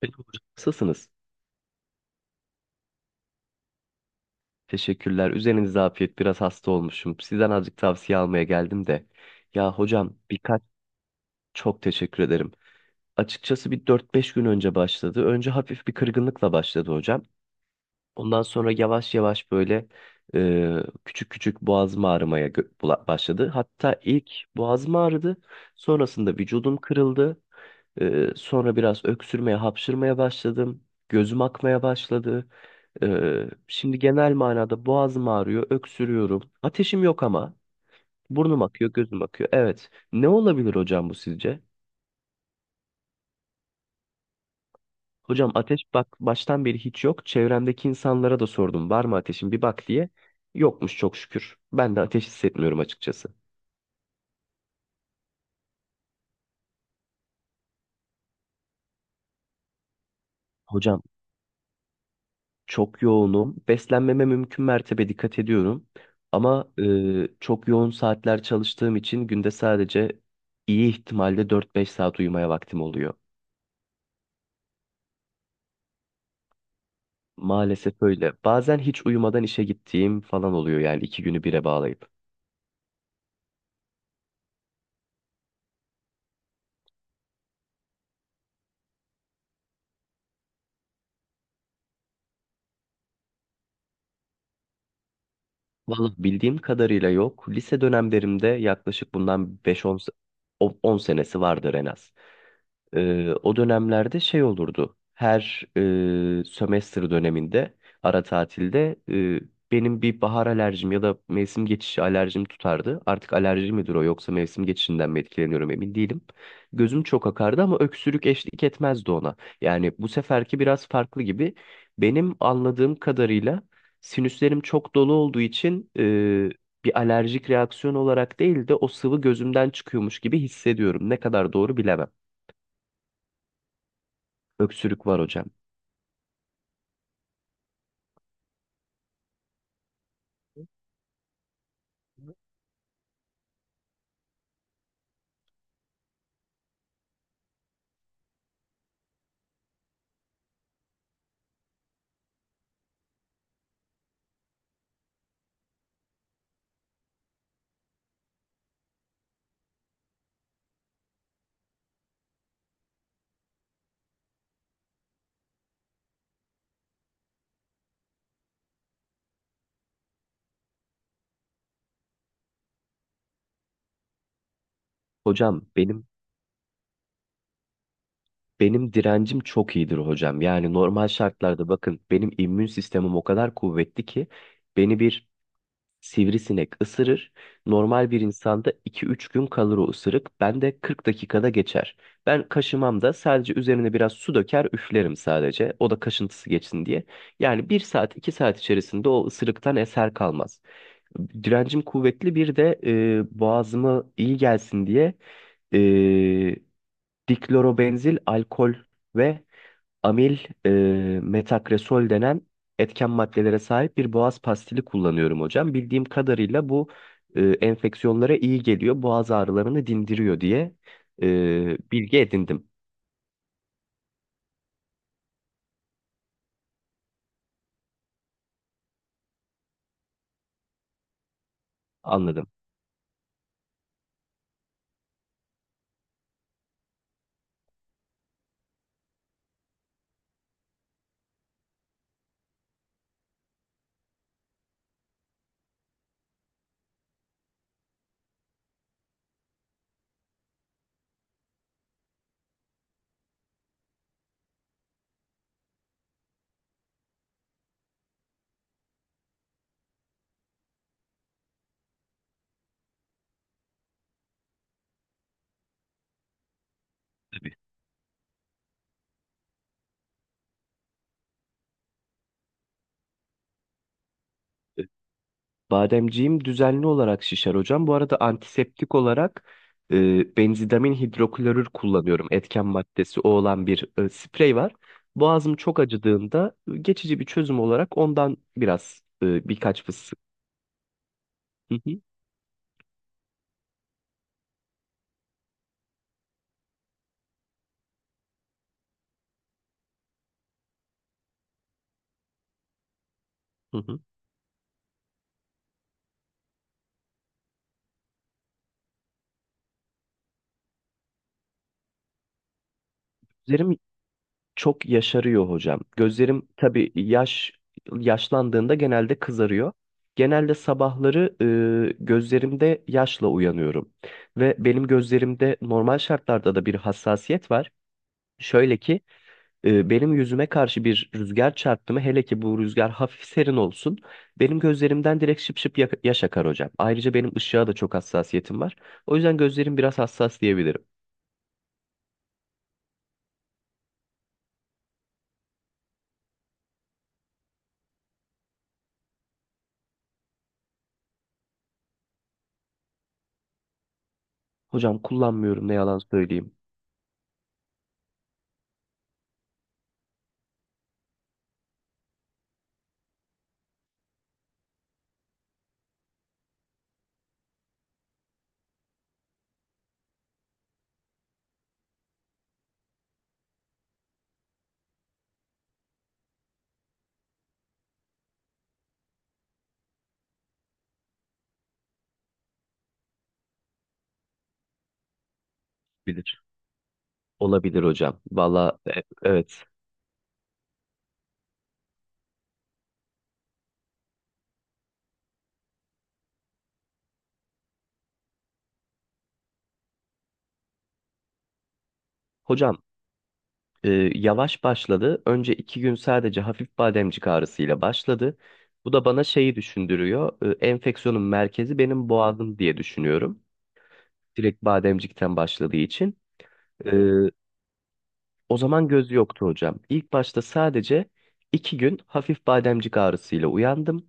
Peki hocam, nasılsınız? Teşekkürler. Üzerinize afiyet. Biraz hasta olmuşum. Sizden azıcık tavsiye almaya geldim de. Ya hocam birkaç Çok teşekkür ederim. Açıkçası bir 4-5 gün önce başladı. Önce hafif bir kırgınlıkla başladı hocam. Ondan sonra yavaş yavaş böyle e, küçük küçük boğazım ağrımaya başladı. Hatta ilk boğazım ağrıdı. Sonrasında vücudum kırıldı. Sonra biraz öksürmeye, hapşırmaya başladım. Gözüm akmaya başladı. Şimdi genel manada boğazım ağrıyor, öksürüyorum. Ateşim yok ama burnum akıyor, gözüm akıyor. Evet. Ne olabilir hocam bu sizce? Hocam ateş bak baştan beri hiç yok. Çevremdeki insanlara da sordum var mı ateşin bir bak diye. Yokmuş çok şükür. Ben de ateş hissetmiyorum açıkçası. Hocam çok yoğunum. Beslenmeme mümkün mertebe dikkat ediyorum. Ama çok yoğun saatler çalıştığım için günde sadece iyi ihtimalle 4-5 saat uyumaya vaktim oluyor. Maalesef öyle. Bazen hiç uyumadan işe gittiğim falan oluyor yani iki günü bire bağlayıp. Vallahi bildiğim kadarıyla yok. Lise dönemlerimde yaklaşık bundan beş on se- o- 10 senesi vardır en az. O dönemlerde şey olurdu. Her sömestr döneminde ara tatilde benim bir bahar alerjim ya da mevsim geçişi alerjim tutardı. Artık alerji midir o yoksa mevsim geçişinden mi etkileniyorum emin değilim. Gözüm çok akardı ama öksürük eşlik etmezdi ona. Yani bu seferki biraz farklı gibi. Benim anladığım kadarıyla sinüslerim çok dolu olduğu için bir alerjik reaksiyon olarak değil de o sıvı gözümden çıkıyormuş gibi hissediyorum. Ne kadar doğru bilemem. Öksürük var hocam. Hocam benim direncim çok iyidir hocam. Yani normal şartlarda bakın benim immün sistemim o kadar kuvvetli ki beni bir sivrisinek ısırır. Normal bir insanda 2-3 gün kalır o ısırık. Ben de 40 dakikada geçer. Ben kaşımam da sadece üzerine biraz su döker üflerim sadece. O da kaşıntısı geçsin diye. Yani 1-2 saat içerisinde o ısırıktan eser kalmaz. Direncim kuvvetli bir de boğazıma iyi gelsin diye e, diklorobenzil alkol ve amil e, metakresol denen etken maddelere sahip bir boğaz pastili kullanıyorum hocam. Bildiğim kadarıyla bu enfeksiyonlara iyi geliyor, boğaz ağrılarını dindiriyor diye bilgi edindim, anladım. Bademciğim düzenli olarak şişer hocam. Bu arada antiseptik olarak benzidamin hidroklorür kullanıyorum. Etken maddesi o olan bir sprey var. Boğazım çok acıdığında geçici bir çözüm olarak ondan biraz birkaç fıstık. Hı hı, hı hı. Gözlerim çok yaşarıyor hocam. Gözlerim tabii yaşlandığında genelde kızarıyor. Genelde sabahları gözlerimde yaşla uyanıyorum. Ve benim gözlerimde normal şartlarda da bir hassasiyet var. Şöyle ki benim yüzüme karşı bir rüzgar çarptı mı hele ki bu rüzgar hafif serin olsun benim gözlerimden direkt şıp şıp yaş akar hocam. Ayrıca benim ışığa da çok hassasiyetim var. O yüzden gözlerim biraz hassas diyebilirim. Hocam kullanmıyorum ne yalan söyleyeyim. Bilir. Olabilir hocam. Valla evet. Hocam e, yavaş başladı. Önce 2 gün sadece hafif bademcik ağrısıyla başladı. Bu da bana şeyi düşündürüyor. Enfeksiyonun merkezi benim boğazım diye düşünüyorum direkt bademcikten başladığı için. Ee, O zaman göz yoktu hocam. İlk başta sadece 2 gün hafif bademcik ağrısıyla uyandım.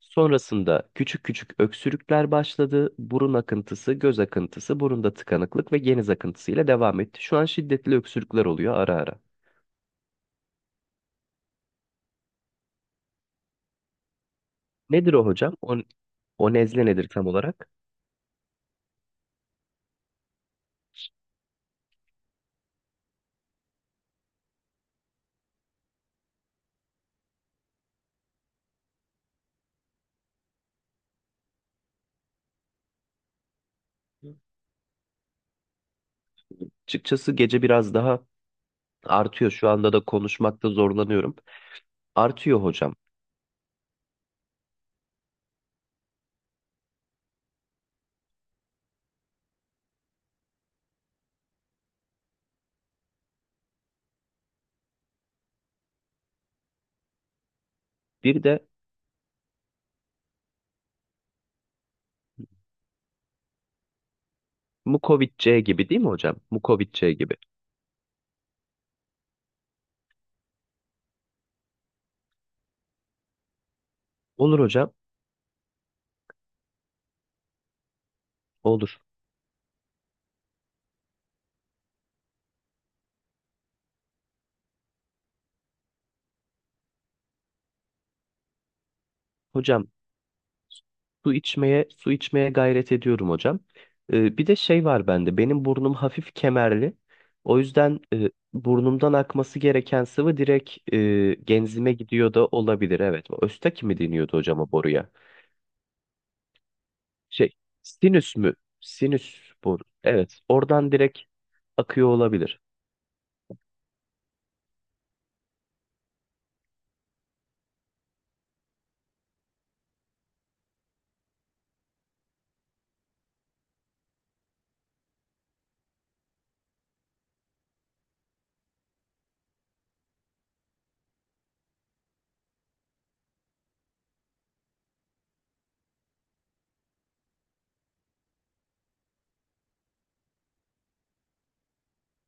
Sonrasında küçük küçük öksürükler başladı. Burun akıntısı, göz akıntısı, burunda tıkanıklık ve geniz akıntısıyla devam etti. Şu an şiddetli öksürükler oluyor ara ara. Nedir o hocam? O nezle nedir tam olarak? Açıkçası gece biraz daha artıyor. Şu anda da konuşmakta zorlanıyorum. Artıyor hocam. Bir de Mukovitçe gibi değil mi hocam? Mukovitçe gibi. Olur hocam. Olur. Hocam su içmeye su içmeye gayret ediyorum hocam. Bir de şey var bende. Benim burnum hafif kemerli. O yüzden burnumdan akması gereken sıvı direkt genzime gidiyor da olabilir. Evet. Östaki mi deniyordu hocam o boruya? Şey, sinüs mü? Sinüs boru. Evet. Oradan direkt akıyor olabilir.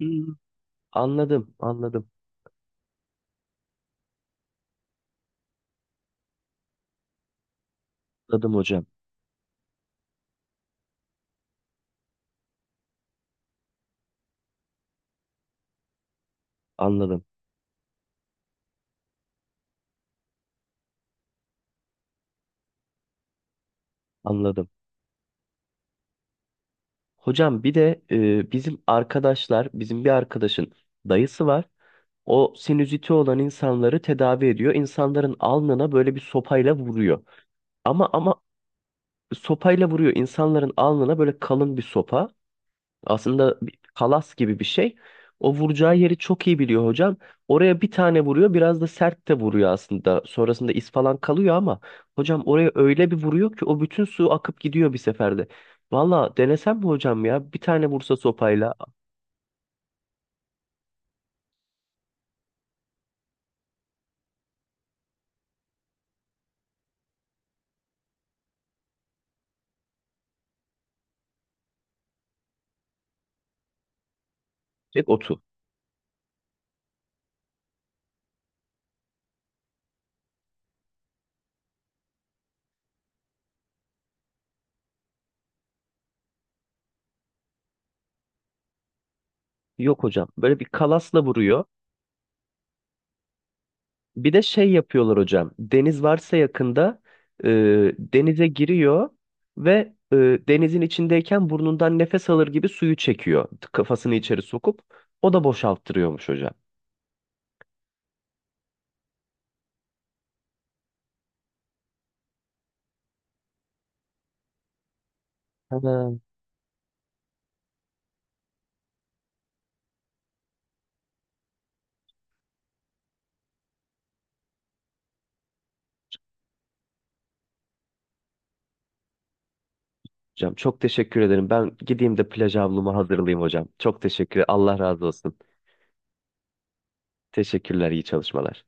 Hmm. Anladım, anladım, anladım hocam, anladım, anladım. Hocam bir de bizim bir arkadaşın dayısı var. O sinüziti olan insanları tedavi ediyor. İnsanların alnına böyle bir sopayla vuruyor. Ama sopayla vuruyor insanların alnına böyle kalın bir sopa. Aslında bir kalas gibi bir şey. O vuracağı yeri çok iyi biliyor hocam. Oraya bir tane vuruyor, biraz da sert de vuruyor aslında. Sonrasında iz falan kalıyor ama hocam oraya öyle bir vuruyor ki o bütün su akıp gidiyor bir seferde. Valla denesem mi hocam ya? Bir tane vursa sopayla çek otu. Yok hocam. Böyle bir kalasla vuruyor. Bir de şey yapıyorlar hocam. Deniz varsa yakında e, denize giriyor ve denizin içindeyken burnundan nefes alır gibi suyu çekiyor. Kafasını içeri sokup o da boşalttırıyormuş hocam. Tamam. Hocam çok teşekkür ederim. Ben gideyim de plaj havlumu hazırlayayım hocam. Çok teşekkür. Allah razı olsun. Teşekkürler, iyi çalışmalar.